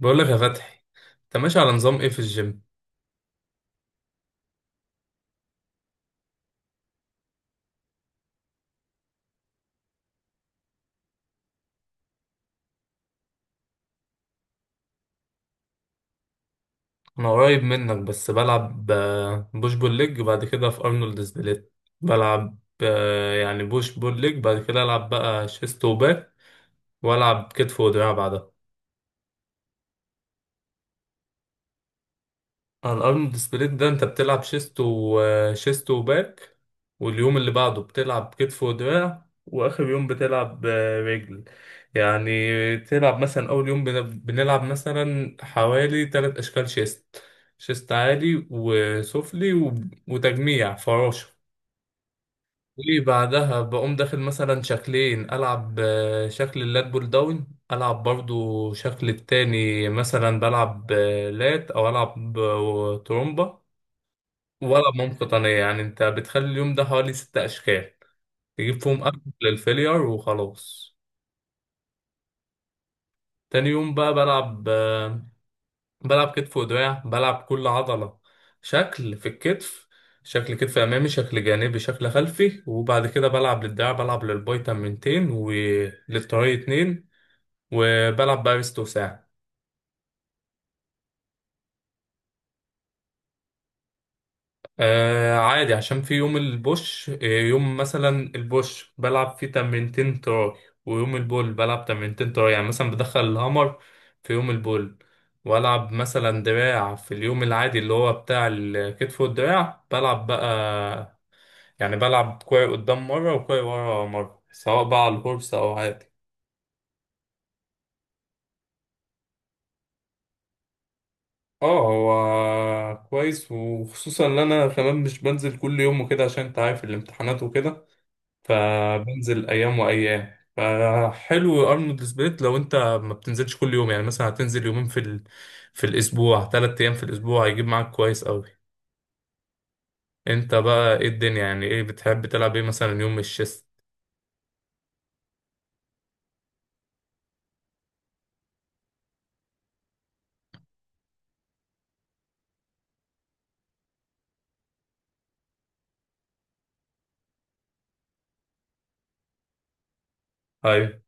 بقول لك يا فتحي، انت ماشي على نظام ايه في الجيم؟ انا قريب منك بس بلعب بوش بول ليج وبعد كده في ارنولد سبليت. بلعب بوش بول ليج، بعد كده العب بقى شيست وباك، والعب كتف ودراع بعدها. على الارنولد سبليت ده انت بتلعب شيست وباك، واليوم اللي بعده بتلعب كتف ودراع، واخر يوم بتلعب رجل. يعني تلعب مثلا اول يوم بنلعب مثلا حوالي تلات اشكال شيست: شيست عالي وسفلي وتجميع فراشة. وبعدها بقوم داخل مثلا شكلين، العب شكل اللات بول داون، العب برضو شكل التاني، مثلا بلعب لات، او العب ترومبا، ولا بمام قطنية. يعني انت بتخلي اليوم ده حوالي ست اشكال تجيب فيهم اكل للفيلير وخلاص. تاني يوم بقى بلعب بلعب كتف ودراع، بلعب كل عضلة شكل. في الكتف شكل كتف امامي، شكل جانبي، شكل خلفي، وبعد كده بلعب للدراع، بلعب للباي تمرينتين وللتراي اتنين، وبلعب بقى ريست وساعد. آه عادي، عشان في يوم البوش، يوم مثلا البوش بلعب فيه تمرينتين تراي، ويوم البول بلعب تمرينتين تراي. يعني مثلا بدخل الهامر في يوم البول، والعب مثلا دراع في اليوم العادي اللي هو بتاع الكتف والدراع. بلعب بقى يعني بلعب كوعي قدام مرة وكوعي ورا مرة، سواء بقى على الهورس أو عادي. اه، هو كويس، وخصوصا ان انا كمان مش بنزل كل يوم وكده عشان انت عارف الامتحانات وكده. فبنزل ايام وايام، فحلو ارنولد سبليت لو انت ما بتنزلش كل يوم. يعني مثلا هتنزل يومين في في الاسبوع، ثلاث ايام في الاسبوع، هيجيب معاك كويس قوي. انت بقى ايه الدنيا؟ يعني ايه بتحب تلعب ايه مثلا يوم الشيست؟ ايوه.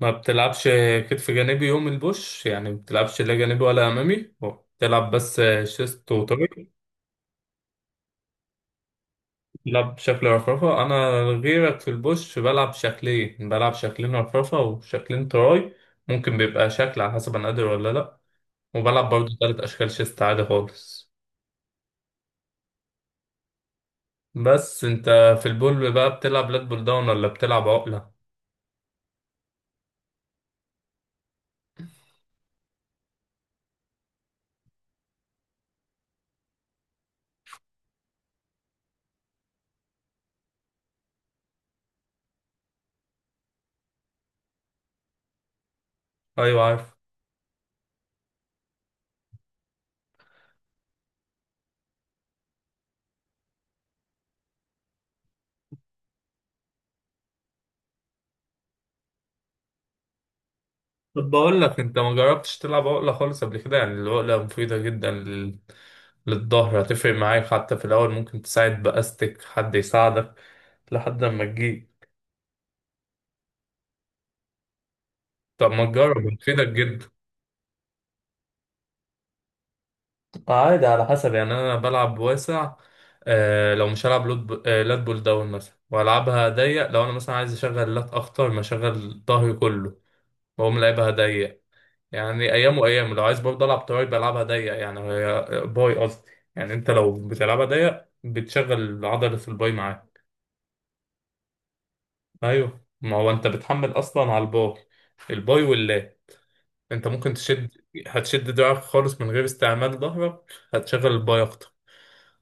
ما بتلعبش كتف جانبي يوم البوش؟ يعني ما بتلعبش لا جانبي ولا امامي، بتلعب بس شيست وتراي؟ لا، بشكل رفرفة أنا غيرك، في البوش بلعب شكلين، بلعب شكلين رفرفة وشكلين تراي. ممكن بيبقى شكل على حسب أنا قادر ولا لأ. وبلعب برضه تلات أشكال شيست عادي خالص. بس أنت في البول بقى بتلعب لات بول داون ولا بتلعب عقلة؟ أيوة عارف. طب بقول لك، أنت ما جربتش تلعب عقلة خالص قبل كده؟ يعني العقلة مفيدة جدا للظهر، هتفرق معاك. حتى في الأول ممكن تساعد بأستك، حد يساعدك لحد ما تجيب. طب ما تجرب، مفيدة جدا. عادي على حسب. يعني انا بلعب واسع. آه، لو مش هلعب لود ب... آه لات بول داون مثلا والعبها ضيق، لو انا مثلا عايز اشغل لات اكتر، ما اشغل ظهري كله، بقوم لعبها ضيق. يعني ايام وايام لو عايز برضه العب تراي بلعبها ضيق. يعني باي قصدي. يعني انت لو بتلعبها ضيق بتشغل عضلة الباي معاك. ايوه، ما هو انت بتحمل اصلا على الباي، الباي واللات. انت ممكن تشد، هتشد دراعك خالص من غير استعمال ظهرك، هتشغل الباي اكتر،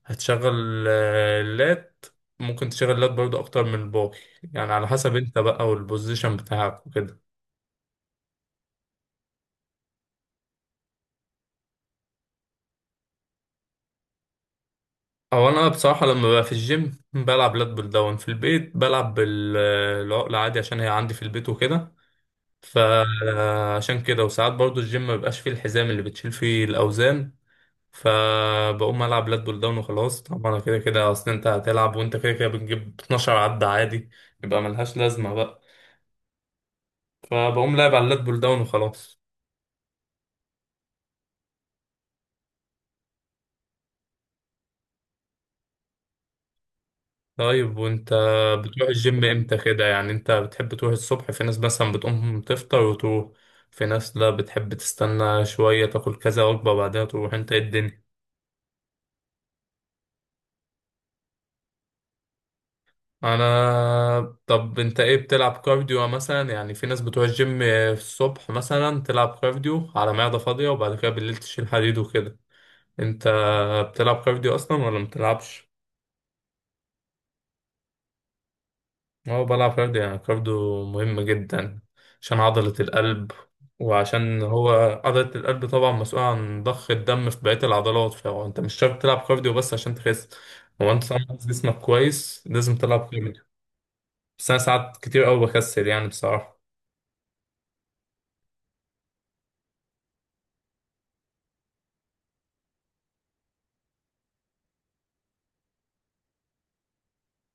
هتشغل اللات. ممكن تشغل اللات برضه اكتر من الباقي. يعني على حسب انت بقى والبوزيشن بتاعك وكده. او انا بصراحه لما ببقى في الجيم بلعب لات بول داون، في البيت بلعب بالعقله عادي عشان هي عندي في البيت وكده. فعشان كده، وساعات برضه الجيم ما بيبقاش فيه الحزام اللي بتشيل فيه الاوزان، فبقوم العب لات بول داون وخلاص. طبعا كده كده اصل انت هتلعب، وانت كده كده بتجيب 12 عدة عادي، يبقى ملهاش لازمه بقى، فبقوم لاعب على اللات بول داون وخلاص. طيب وانت بتروح الجيم امتى كده؟ يعني انت بتحب تروح الصبح؟ في ناس مثلا بتقوم تفطر وتروح، في ناس لا، بتحب تستنى شوية تاكل كذا وجبة وبعدها تروح. انت ايه الدنيا؟ انا طب انت ايه، بتلعب كارديو مثلا؟ يعني في ناس بتروح الجيم الصبح مثلا تلعب كارديو على معدة فاضية، وبعد كده بالليل تشيل حديد وكده. انت بتلعب كارديو اصلا ولا متلعبش؟ هو بلعب كارديو. يعني كارديو مهم جدا عشان عضلة القلب، وعشان هو عضلة القلب طبعا مسؤولة عن ضخ الدم في بقية العضلات. فهو انت مش شرط تلعب كارديو بس عشان تخس، هو انت طالما عايز جسمك كويس لازم تلعب كارديو. بس انا ساعات كتير قوي بكسل يعني بصراحة.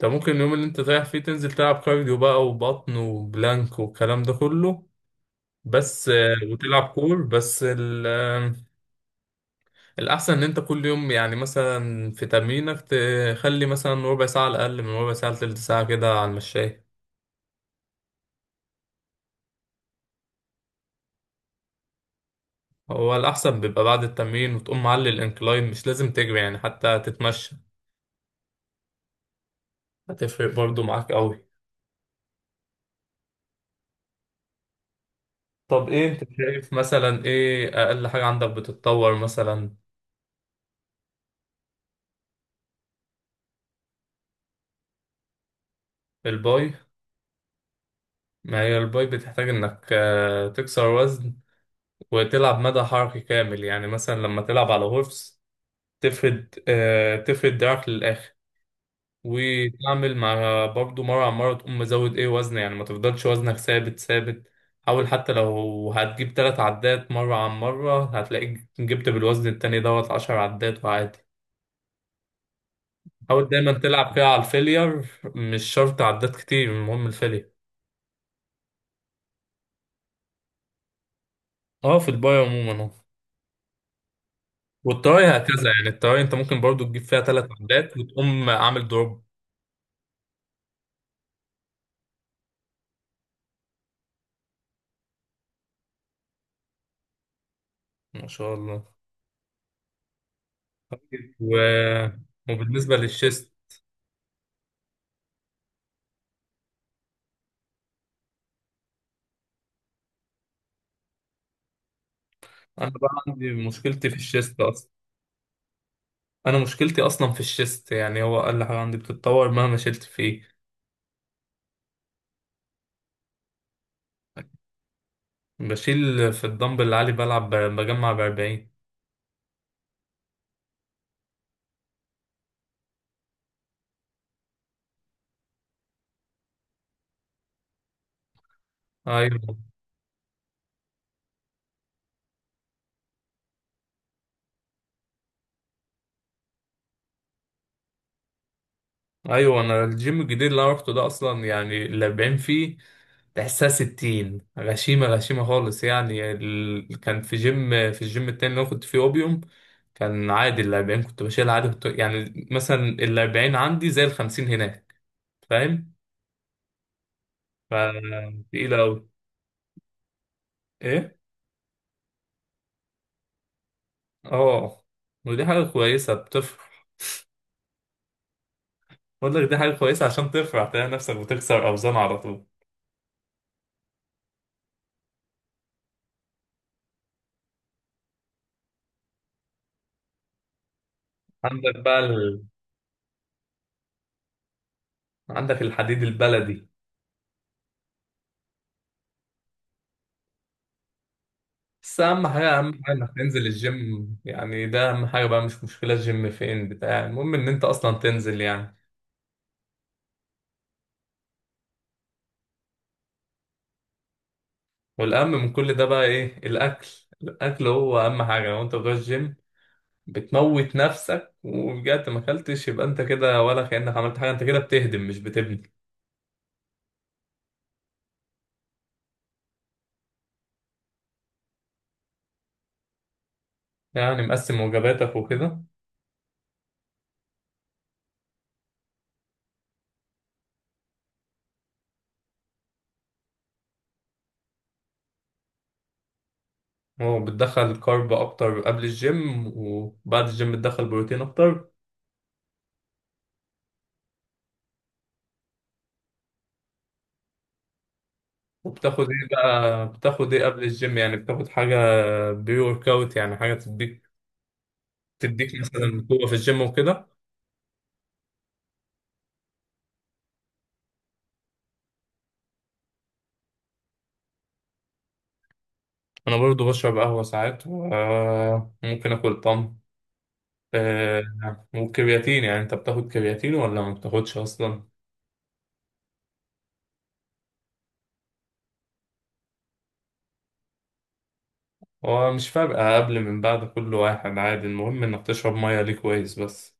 انت ممكن اليوم اللي انت رايح فيه تنزل تلعب كارديو بقى، وبطن، وبلانك، والكلام ده كله. بس وتلعب كور بس. الأحسن إن أنت كل يوم يعني مثلا في تمرينك تخلي مثلا ربع ساعة على الأقل، من ربع ساعة لتلت ساعة كده على المشاية. هو الأحسن بيبقى بعد التمرين، وتقوم معلي الإنكلاين، مش لازم تجري يعني، حتى تتمشى هتفرق برضو معاك أوي. طب إيه أنت شايف مثلا إيه أقل حاجة عندك بتتطور مثلا؟ الباي؟ ما هي الباي بتحتاج إنك تكسر وزن وتلعب مدى حركي كامل. يعني مثلا لما تلعب على هورس تفرد تفرد دراعك للآخر وتعمل مع برضه مرة على مرة تقوم مزود ايه وزن. يعني ما تفضلش وزنك ثابت. حاول، حتى لو هتجيب تلات عدات مرة عن مرة هتلاقيك جبت بالوزن التاني دوت عشر عدات وعادي. حاول دايما تلعب فيها على الفيلير، مش شرط عدات كتير، المهم الفيلير. اه، في الباي عموما اه. والتراي هكذا، يعني التراي انت ممكن برضو تجيب فيها تلات عدات وتقوم عامل دروب. ما شاء الله. و... وبالنسبة للشيست، انا بقى عندي مشكلتي في الشيست اصلا. انا مشكلتي اصلا في الشيست، يعني هو اقل حاجه عندي بتتطور مهما شلت فيه. بشيل في الدمبل العالي، بلعب بجمع ب 40. ايوه ايوه. انا الجيم الجديد اللي انا روحته ده اصلا، يعني ال 40 فيه تحسها 60، غشيمه غشيمه خالص. يعني كان في جيم، في الجيم التاني اللي انا كنت فيه اوبيوم، كان عادي ال 40 كنت بشيل عادي. كنت يعني مثلا ال 40 عندي زي ال 50 هناك، فاهم؟ ف تقيله قوي. ايه اه. ودي حاجه كويسه بتفرح. بقول لك دي حاجة كويسة، عشان ترفع تلاقي نفسك بتكسر أوزان على طول. عندك بقى عندك الحديد البلدي. بس أهم حاجة، أهم حاجة إنك تنزل الجيم. يعني ده أهم حاجة بقى، مش مشكلة الجيم فين بتاع، المهم إن أنت أصلا تنزل يعني. والأهم من كل ده بقى إيه؟ الأكل. الأكل هو أهم حاجة، لو أنت بتروح الجيم بتموت نفسك ورجعت ما أكلتش، يبقى أنت كده ولا كأنك عملت حاجة، أنت كده بتهدم مش بتبني. يعني مقسم وجباتك وكده. وبتدخل كارب اكتر قبل الجيم، وبعد الجيم بتدخل بروتين اكتر. وبتاخد ايه بقى، بتاخد ايه قبل الجيم؟ يعني بتاخد حاجه بري ورك اوت، يعني حاجه تديك، تديك مثلا قوه في الجيم وكده. انا برضو بشرب قهوه ساعات وممكن اكل طن. والكرياتين يعني، انت بتاخد كرياتين ولا ما بتاخدش اصلا؟ هو مش فارقه قبل من بعد، كل واحد عادي، المهم انك تشرب ميه ليه كويس بس.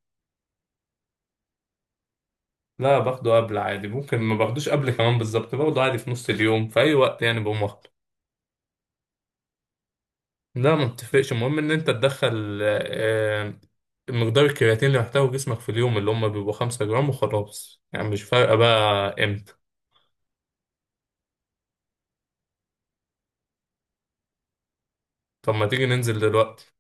لا، باخده قبل عادي، ممكن ما باخدوش قبل كمان بالظبط، باخده عادي في نص اليوم في اي وقت، يعني بقوم واخده. لا ما بتفرقش، المهم ان انت تدخل مقدار الكرياتين اللي محتاجه جسمك في اليوم، اللي هم بيبقوا 5 جرام وخلاص، يعني مش فارقة بقى امتى. طب ما تيجي ننزل دلوقتي.